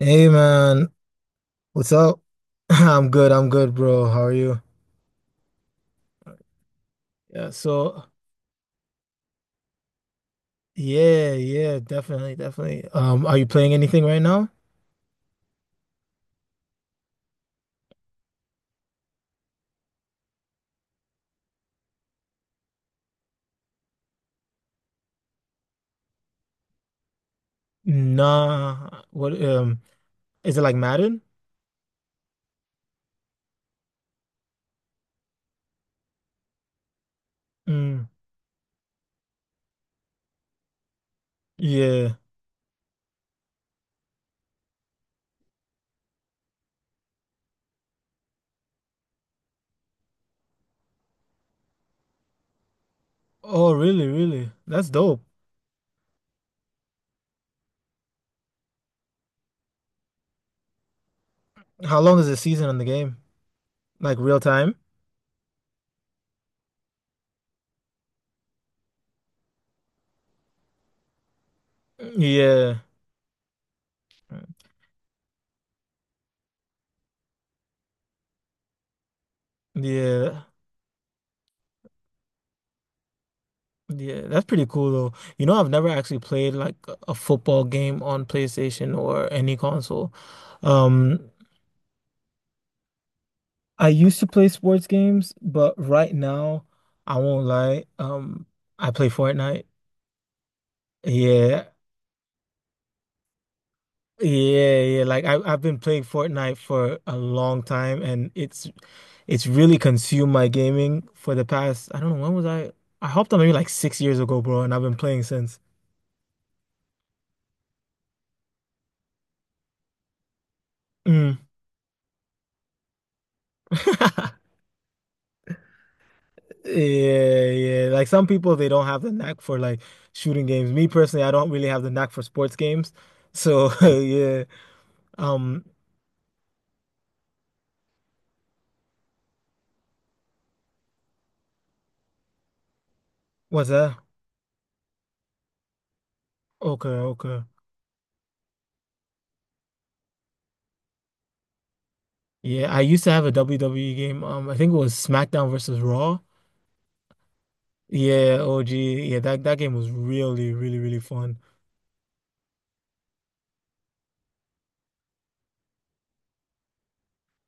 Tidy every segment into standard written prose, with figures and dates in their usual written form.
Hey man, what's up? I'm good, bro. How are you? Yeah, so yeah, yeah, definitely, definitely. Are you playing anything right now? Nah. What is it like Madden? Mm, yeah. Oh, really, really? That's dope. How long is the season on the game? Like real time? Yeah. Yeah. Yeah, that's pretty cool though. You know, I've never actually played like a football game on PlayStation or any console. Um, I used to play sports games, but right now, I won't lie. I play Fortnite. Yeah. Yeah, yeah. Like I've been playing Fortnite for a long time and it's really consumed my gaming for the past, I don't know, when was I? I hopped on maybe like 6 years ago, bro, and I've been playing since. Mm. Yeah, yeah. Like some people, they don't have the knack for like shooting games. Me personally, I don't really have the knack for sports games. So yeah. Um, what's that? Okay, okay. Yeah, I used to have a WWE game. I think it was SmackDown versus Raw. Yeah, OG. Yeah, that game was really, really, really fun.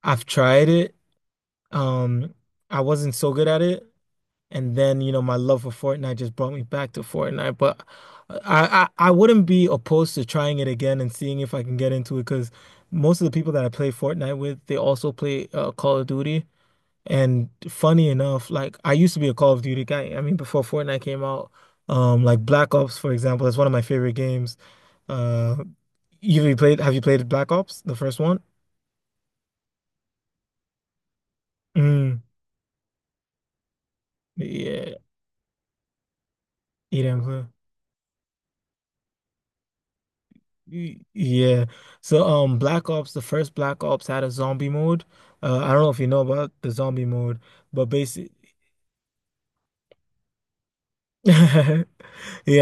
I've tried it. Um, I wasn't so good at it, and then you know my love for Fortnite just brought me back to Fortnite. But I wouldn't be opposed to trying it again and seeing if I can get into it because most of the people that I play Fortnite with, they also play Call of Duty. And funny enough, like I used to be a Call of Duty guy. I mean, before Fortnite came out, like Black Ops, for example, is one of my favorite games. Uh, you played? Have you played Black Ops, the first one? Mm, yeah, you didn't play. Yeah. So, Black Ops, the first Black Ops had a zombie mode. I don't know if you know about the zombie mode, but basically, yeah,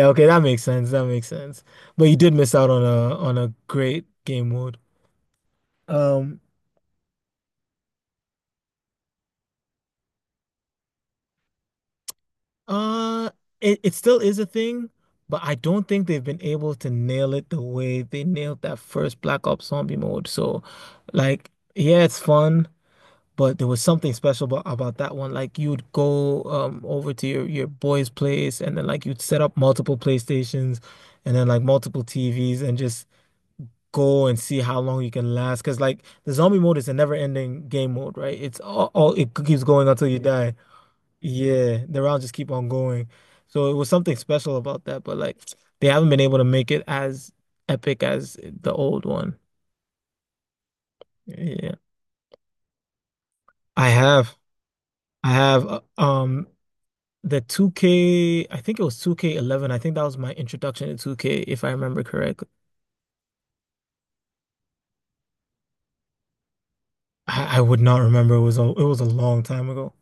okay, that makes sense. That makes sense. But you did miss out on a great game mode. Um. Uh, it, it still is a thing, but I don't think they've been able to nail it the way they nailed that first Black Ops Zombie mode. So, like, yeah, it's fun, but there was something special about that one. Like, you'd go over to your boy's place, and then like you'd set up multiple PlayStations, and then like multiple TVs, and just go and see how long you can last. Because like the zombie mode is a never-ending game mode, right? All it keeps going until you die. Yeah, the rounds just keep on going. So it was something special about that, but like they haven't been able to make it as epic as the old one. Yeah. I have I have the 2K, I think it was 2K11. I think that was my introduction to 2K if I remember correctly. I would not remember. It was a long time ago.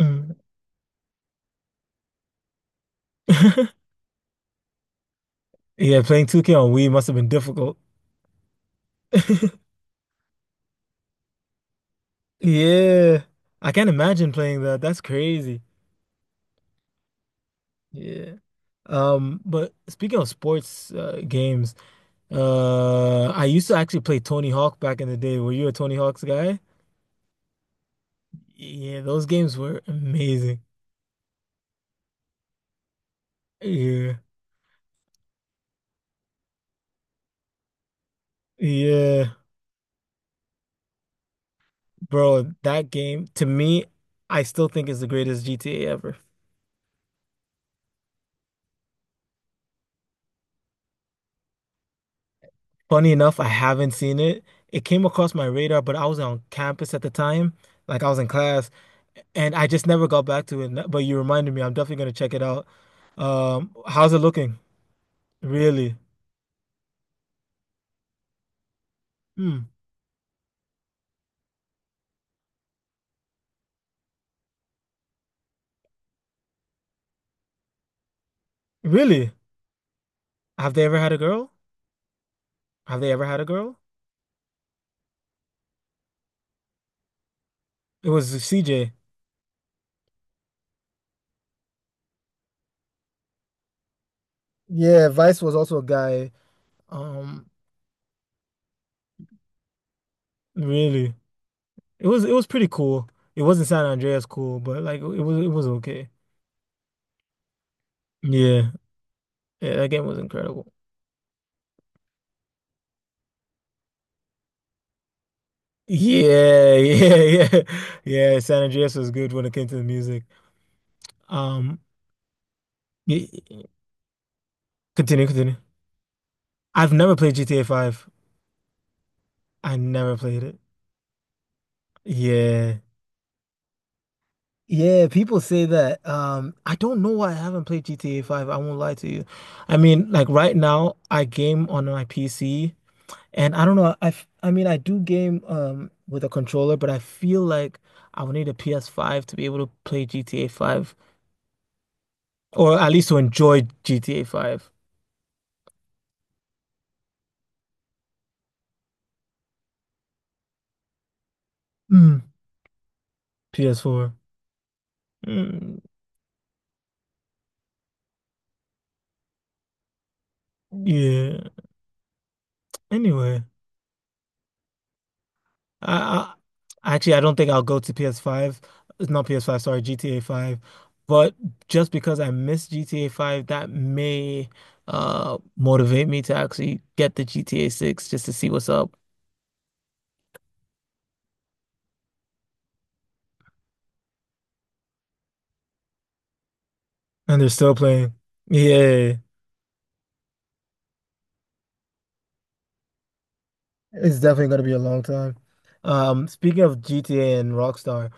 Mm. Yeah, playing 2K on Wii must have been difficult. Yeah. I can't imagine playing that. That's crazy. Yeah. But speaking of sports games, I used to actually play Tony Hawk back in the day. Were you a Tony Hawk's guy? Yeah, those games were amazing. Yeah. Yeah. Bro, that game to me, I still think is the greatest GTA ever. Funny enough, I haven't seen it. It came across my radar, but I was on campus at the time, like I was in class, and I just never got back to it. But you reminded me, I'm definitely gonna check it out. How's it looking? Really? Hmm. Really? Have they ever had a girl? Have they ever had a girl? It was CJ. Yeah, Vice was also a guy. Um, really. It was pretty cool. It wasn't San Andreas cool, but like it was okay. Yeah. Yeah, that game was incredible. Yeah, yeah, yeah. Yeah, San Andreas was good when it came to the music. Um, y- continue, continue. I've never played GTA 5. I never played it. Yeah. Yeah, people say that. I don't know why I haven't played GTA 5. I won't lie to you. I mean, like right now, I game on my PC, and I don't know. I mean, I do game with a controller, but I feel like I would need a PS5 to be able to play GTA 5, or at least to enjoy GTA 5. Mm, PS4. Mm, yeah. Anyway. I, I actually I don't think I'll go to PS5. It's not PS5, sorry, GTA 5. But just because I miss GTA 5, that may motivate me to actually get the GTA 6 just to see what's up. And they're still playing. Yeah, it's definitely gonna be a long time. Speaking of GTA and Rockstar,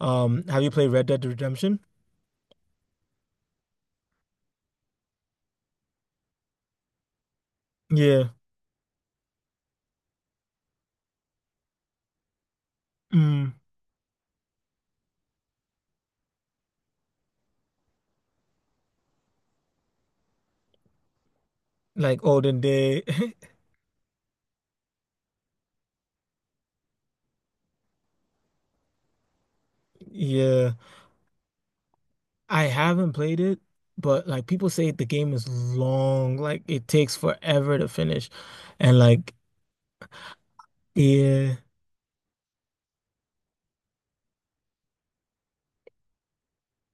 have you played Red Dead Redemption? Yeah. Mm, like olden day. Yeah. I haven't played it, but like people say the game is long, like it takes forever to finish. And like yeah,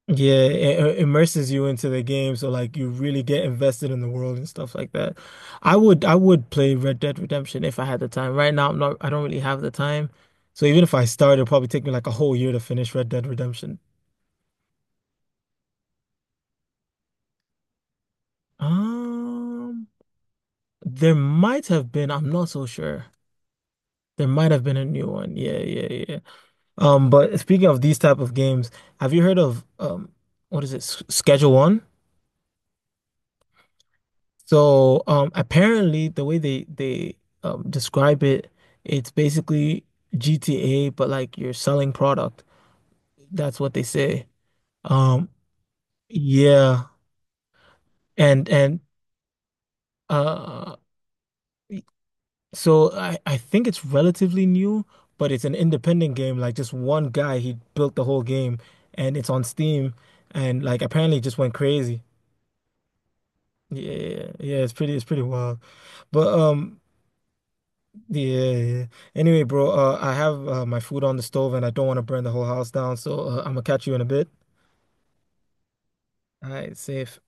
yeah, it immerses you into the game, so like you really get invested in the world and stuff like that. I would play Red Dead Redemption if I had the time. Right now I don't really have the time. So even if I start, it'll probably take me like a whole year to finish Red Dead Redemption. Um, there might have been, I'm not so sure. There might have been a new one. Yeah, yeah, yeah. But speaking of these type of games, have you heard of what is it, Schedule One? So apparently the way they describe it, it's basically GTA, but like you're selling product. That's what they say. Um, yeah, and uh, so I think it's relatively new, but it's an independent game. Like just one guy, he built the whole game, and it's on Steam, and like apparently it just went crazy. Yeah, yeah, it's pretty wild, but yeah, yeah. Anyway, bro, I have my food on the stove and I don't want to burn the whole house down, so I'm gonna catch you in a bit. All right, safe.